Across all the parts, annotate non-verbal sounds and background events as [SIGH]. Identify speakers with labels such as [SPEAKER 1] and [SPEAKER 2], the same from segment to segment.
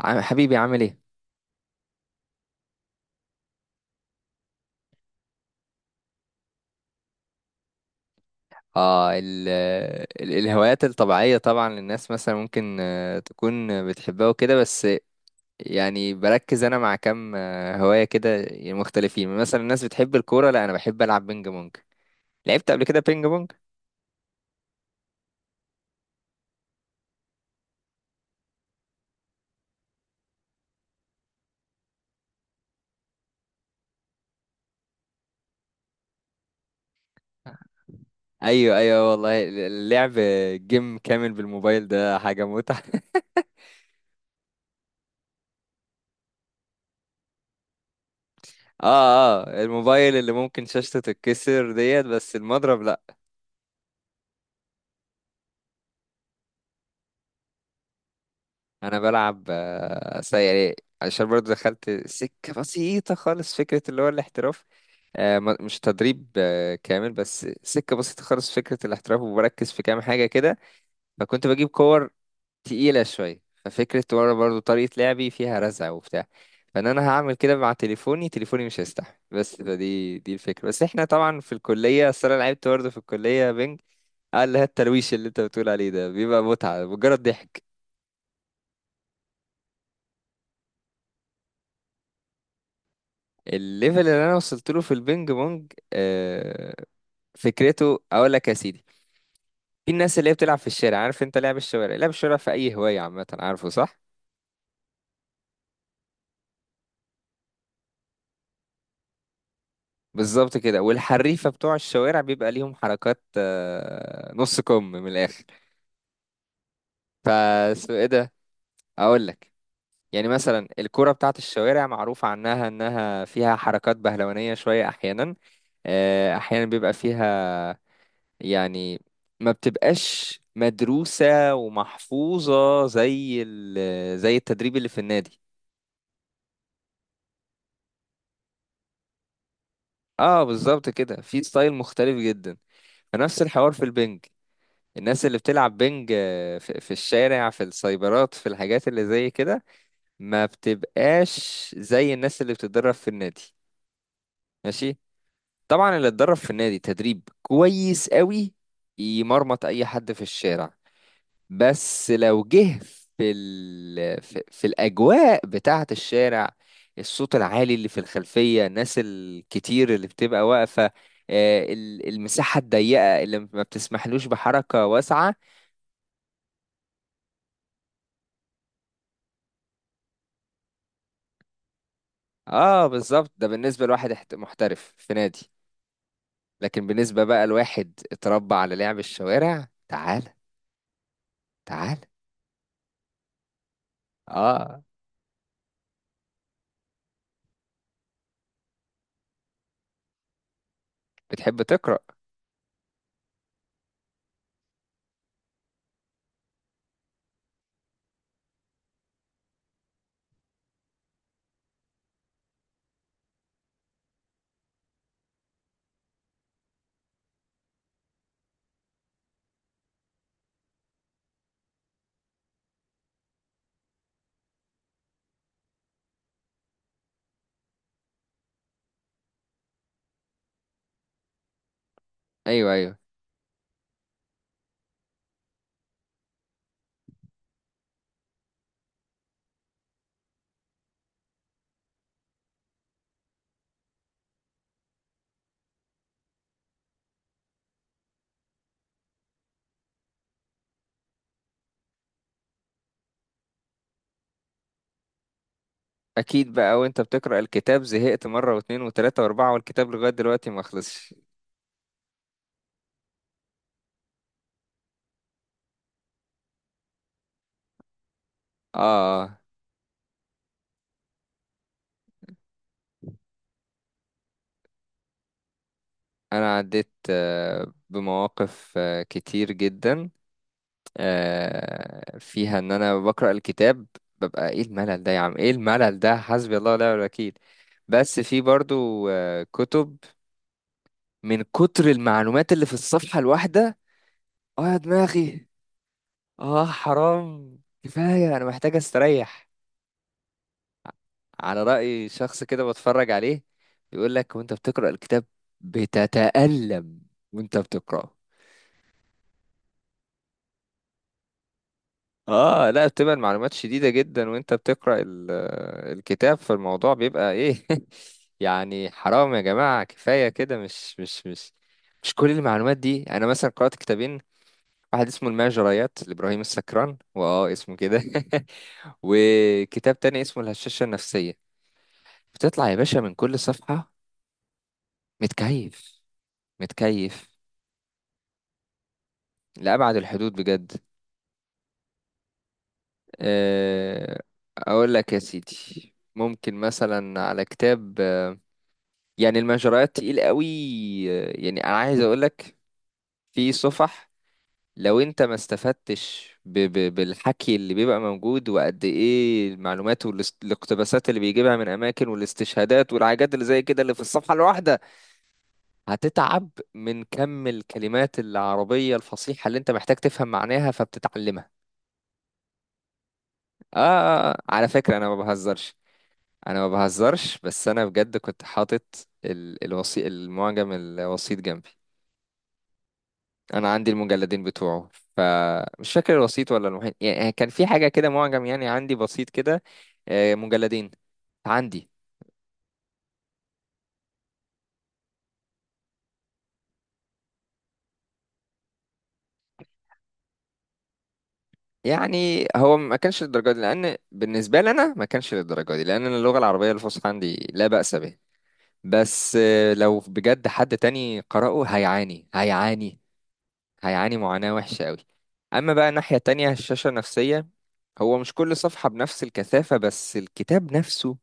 [SPEAKER 1] حبيبي عامل ايه؟ اه، ال ال الهوايات الطبيعية طبعا للناس، مثلا ممكن تكون بتحبها وكده. بس يعني بركز انا مع كام هواية كده. يعني مختلفين، مثلا الناس بتحب الكورة، لا انا بحب العب بينج بونج. لعبت قبل كده بينج بونج؟ ايوه، ايوه، والله اللعب جيم كامل بالموبايل ده حاجة متعة. [LAUGHS] اه، اه، الموبايل اللي ممكن شاشته تتكسر ديت، بس المضرب لا. انا بلعب سيئة، عشان برضو دخلت سكة بسيطة خالص فكرة اللي هو الاحتراف. مش تدريب كامل، بس سكة بسيطة خالص فكرة الاحتراف، وبركز في كام حاجة كده. فكنت بجيب كور تقيلة شوية، ففكرة ورا برضو طريقة لعبي فيها رزع وبتاع. فان انا هعمل كده مع تليفوني مش هيستحمل، بس فدي الفكرة. بس احنا طبعا في الكلية، اصل انا لعبت برضه في الكلية بينج. قال لها الترويش اللي انت بتقول عليه ده بيبقى متعة مجرد ضحك. الليفل اللي انا وصلت له في البينج بونج فكرته اقول لك يا سيدي. في الناس اللي هي بتلعب في الشارع، عارف انت، لعب الشوارع، لعب الشوارع في اي هوايه عامه، عارفه صح. بالظبط كده، والحريفه بتوع الشوارع بيبقى ليهم حركات نص كم من الاخر. فس ايه ده، اقول لك، يعني مثلا الكرة بتاعت الشوارع معروف عنها انها فيها حركات بهلوانية شوية احيانا. احيانا بيبقى فيها يعني، ما بتبقاش مدروسة ومحفوظة زي زي التدريب اللي في النادي. اه بالظبط كده، في ستايل مختلف جدا. فنفس الحوار في البنج، الناس اللي بتلعب بنج في الشارع، في السايبرات، في الحاجات اللي زي كده، ما بتبقاش زي الناس اللي بتتدرب في النادي. ماشي. طبعا اللي اتدرب في النادي تدريب كويس قوي يمرمط اي حد في الشارع، بس لو جه في ال... في في الأجواء بتاعة الشارع، الصوت العالي اللي في الخلفية، الناس الكتير اللي بتبقى واقفة، المساحة الضيقة اللي ما بتسمحلوش بحركة واسعة. اه بالظبط، ده بالنسبة لواحد محترف في نادي، لكن بالنسبة بقى لواحد اتربى على لعب الشوارع، تعال تعال. اه، بتحب تقرأ. ايوه، ايوه، اكيد بقى، وانت بتقرأ الكتاب زهقت مرة واثنين وثلاثة واربعة والكتاب لغاية دلوقتي ما خلصش. اه. آه. انا عديت بمواقف كتير جدا فيها ان انا بقرأ الكتاب، ببقى ايه الملل ده يا عم، ايه الملل ده، حسبي الله ونعم الوكيل. بس في برضو كتب من كتر المعلومات اللي في الصفحة الواحدة، اه يا دماغي، اه حرام، كفاية، انا محتاج استريح. على رأي شخص كده بتفرج عليه يقول لك، وانت بتقرأ الكتاب بتتألم وانت بتقرأه. اه، لا بتبقى المعلومات شديدة جدا، وانت بتقرأ الكتاب، فالموضوع بيبقى ايه. [LAUGHS] يعني حرام يا جماعة، كفاية كده، مش كل المعلومات دي. انا مثلا قرأت كتابين، واحد اسمه المجريات لإبراهيم السكران واه اسمه كده، [LAUGHS] وكتاب تاني اسمه الهشاشة النفسية. بتطلع يا باشا من كل صفحة متكيف، متكيف لأبعد الحدود، بجد. آه، اقول لك يا سيدي، ممكن مثلا على كتاب، يعني المجريات تقيل قوي، يعني انا عايز اقولك، في صفح لو انت ما استفدتش ب ب بالحكي اللي بيبقى موجود، وقد ايه المعلومات والاقتباسات اللي بيجيبها من اماكن، والاستشهادات والحاجات اللي زي كده اللي في الصفحة الواحدة، هتتعب من كم الكلمات العربية الفصيحة اللي انت محتاج تفهم معناها فبتتعلمها. على فكرة انا ما بهزرش، انا ما بهزرش، بس انا بجد كنت حاطط الوصي المعجم الوسيط جنبي. انا عندي المجلدين بتوعه، فمش فاكر الوسيط ولا المحيط، يعني كان في حاجه كده معجم، يعني عندي بسيط كده مجلدين عندي. يعني هو ما كانش للدرجه دي، لان بالنسبه لي انا ما كانش للدرجه دي، لان انا اللغه العربيه الفصحى عندي لا باس به. بس لو بجد حد تاني قرأه هيعاني، هيعاني، هيعاني معاناه وحشه قوي. اما بقى الناحيه التانية الشاشه النفسيه، هو مش كل صفحه بنفس الكثافه، بس الكتاب نفسه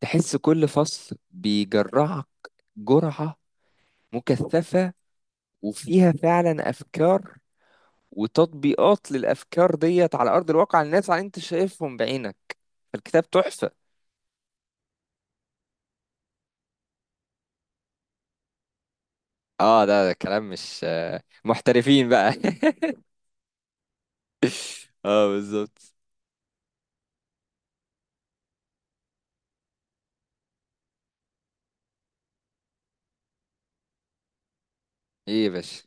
[SPEAKER 1] تحس كل فصل بيجرعك جرعة مكثفة، وفيها فعلا أفكار وتطبيقات للأفكار ديت على أرض الواقع، الناس على أنت شايفهم بعينك. فالكتاب تحفة. اه، ده كلام مش محترفين بقى. [LAUGHS] اه بالظبط. ايه يا باشا؟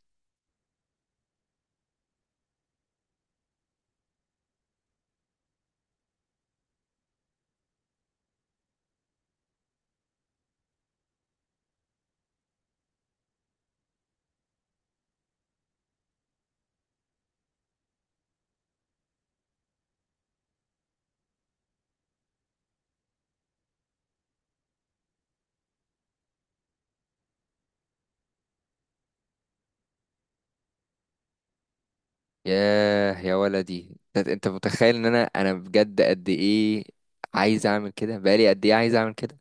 [SPEAKER 1] ياه يا ولدي، انت متخيل ان انا بجد قد ايه عايز اعمل كده، بقالي قد ايه عايز اعمل كده.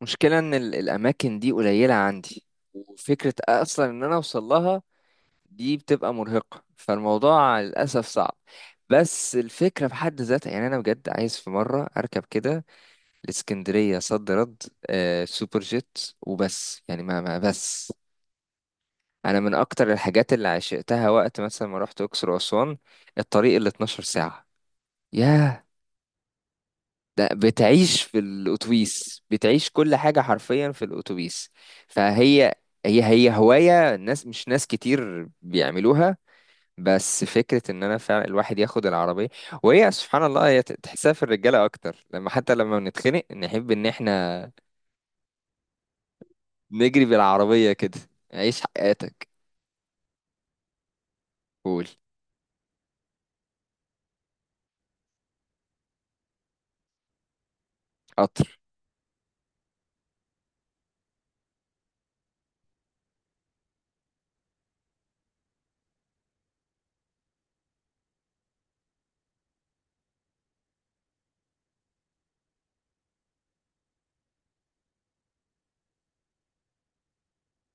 [SPEAKER 1] مشكلة ان الاماكن دي قليلة عندي، وفكرة اصلا ان انا اوصل لها دي بتبقى مرهقة، فالموضوع للأسف صعب. بس الفكرة في حد ذاتها، يعني أنا بجد عايز في مرة أركب كده، الإسكندرية صد رد، سوبر جيت وبس، يعني ما بس. أنا من أكتر الحاجات اللي عشقتها وقت مثلا ما رحت أقصر وأسوان، الطريق اللي 12 ساعة، ياه. ده بتعيش في الأتوبيس، بتعيش كل حاجة حرفيا في الأتوبيس. فهي هي هي هواية الناس، مش ناس كتير بيعملوها، بس فكرة ان انا فعلا الواحد ياخد العربية وهي سبحان الله، هي تحسها في الرجالة اكتر، لما، حتى لما بنتخنق نحب ان احنا نجري بالعربية كده. عيش حياتك. قول. قطر.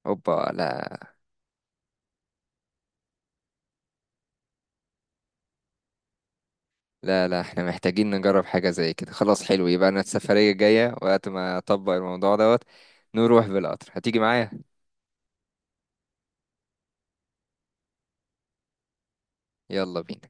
[SPEAKER 1] اوبا. لا، لا، لا، احنا محتاجين نجرب حاجة زي كده. خلاص، حلو. يبقى انا السفرية الجاية وقت ما اطبق الموضوع دوت نروح بالقطر، هتيجي معايا. يلا بينا.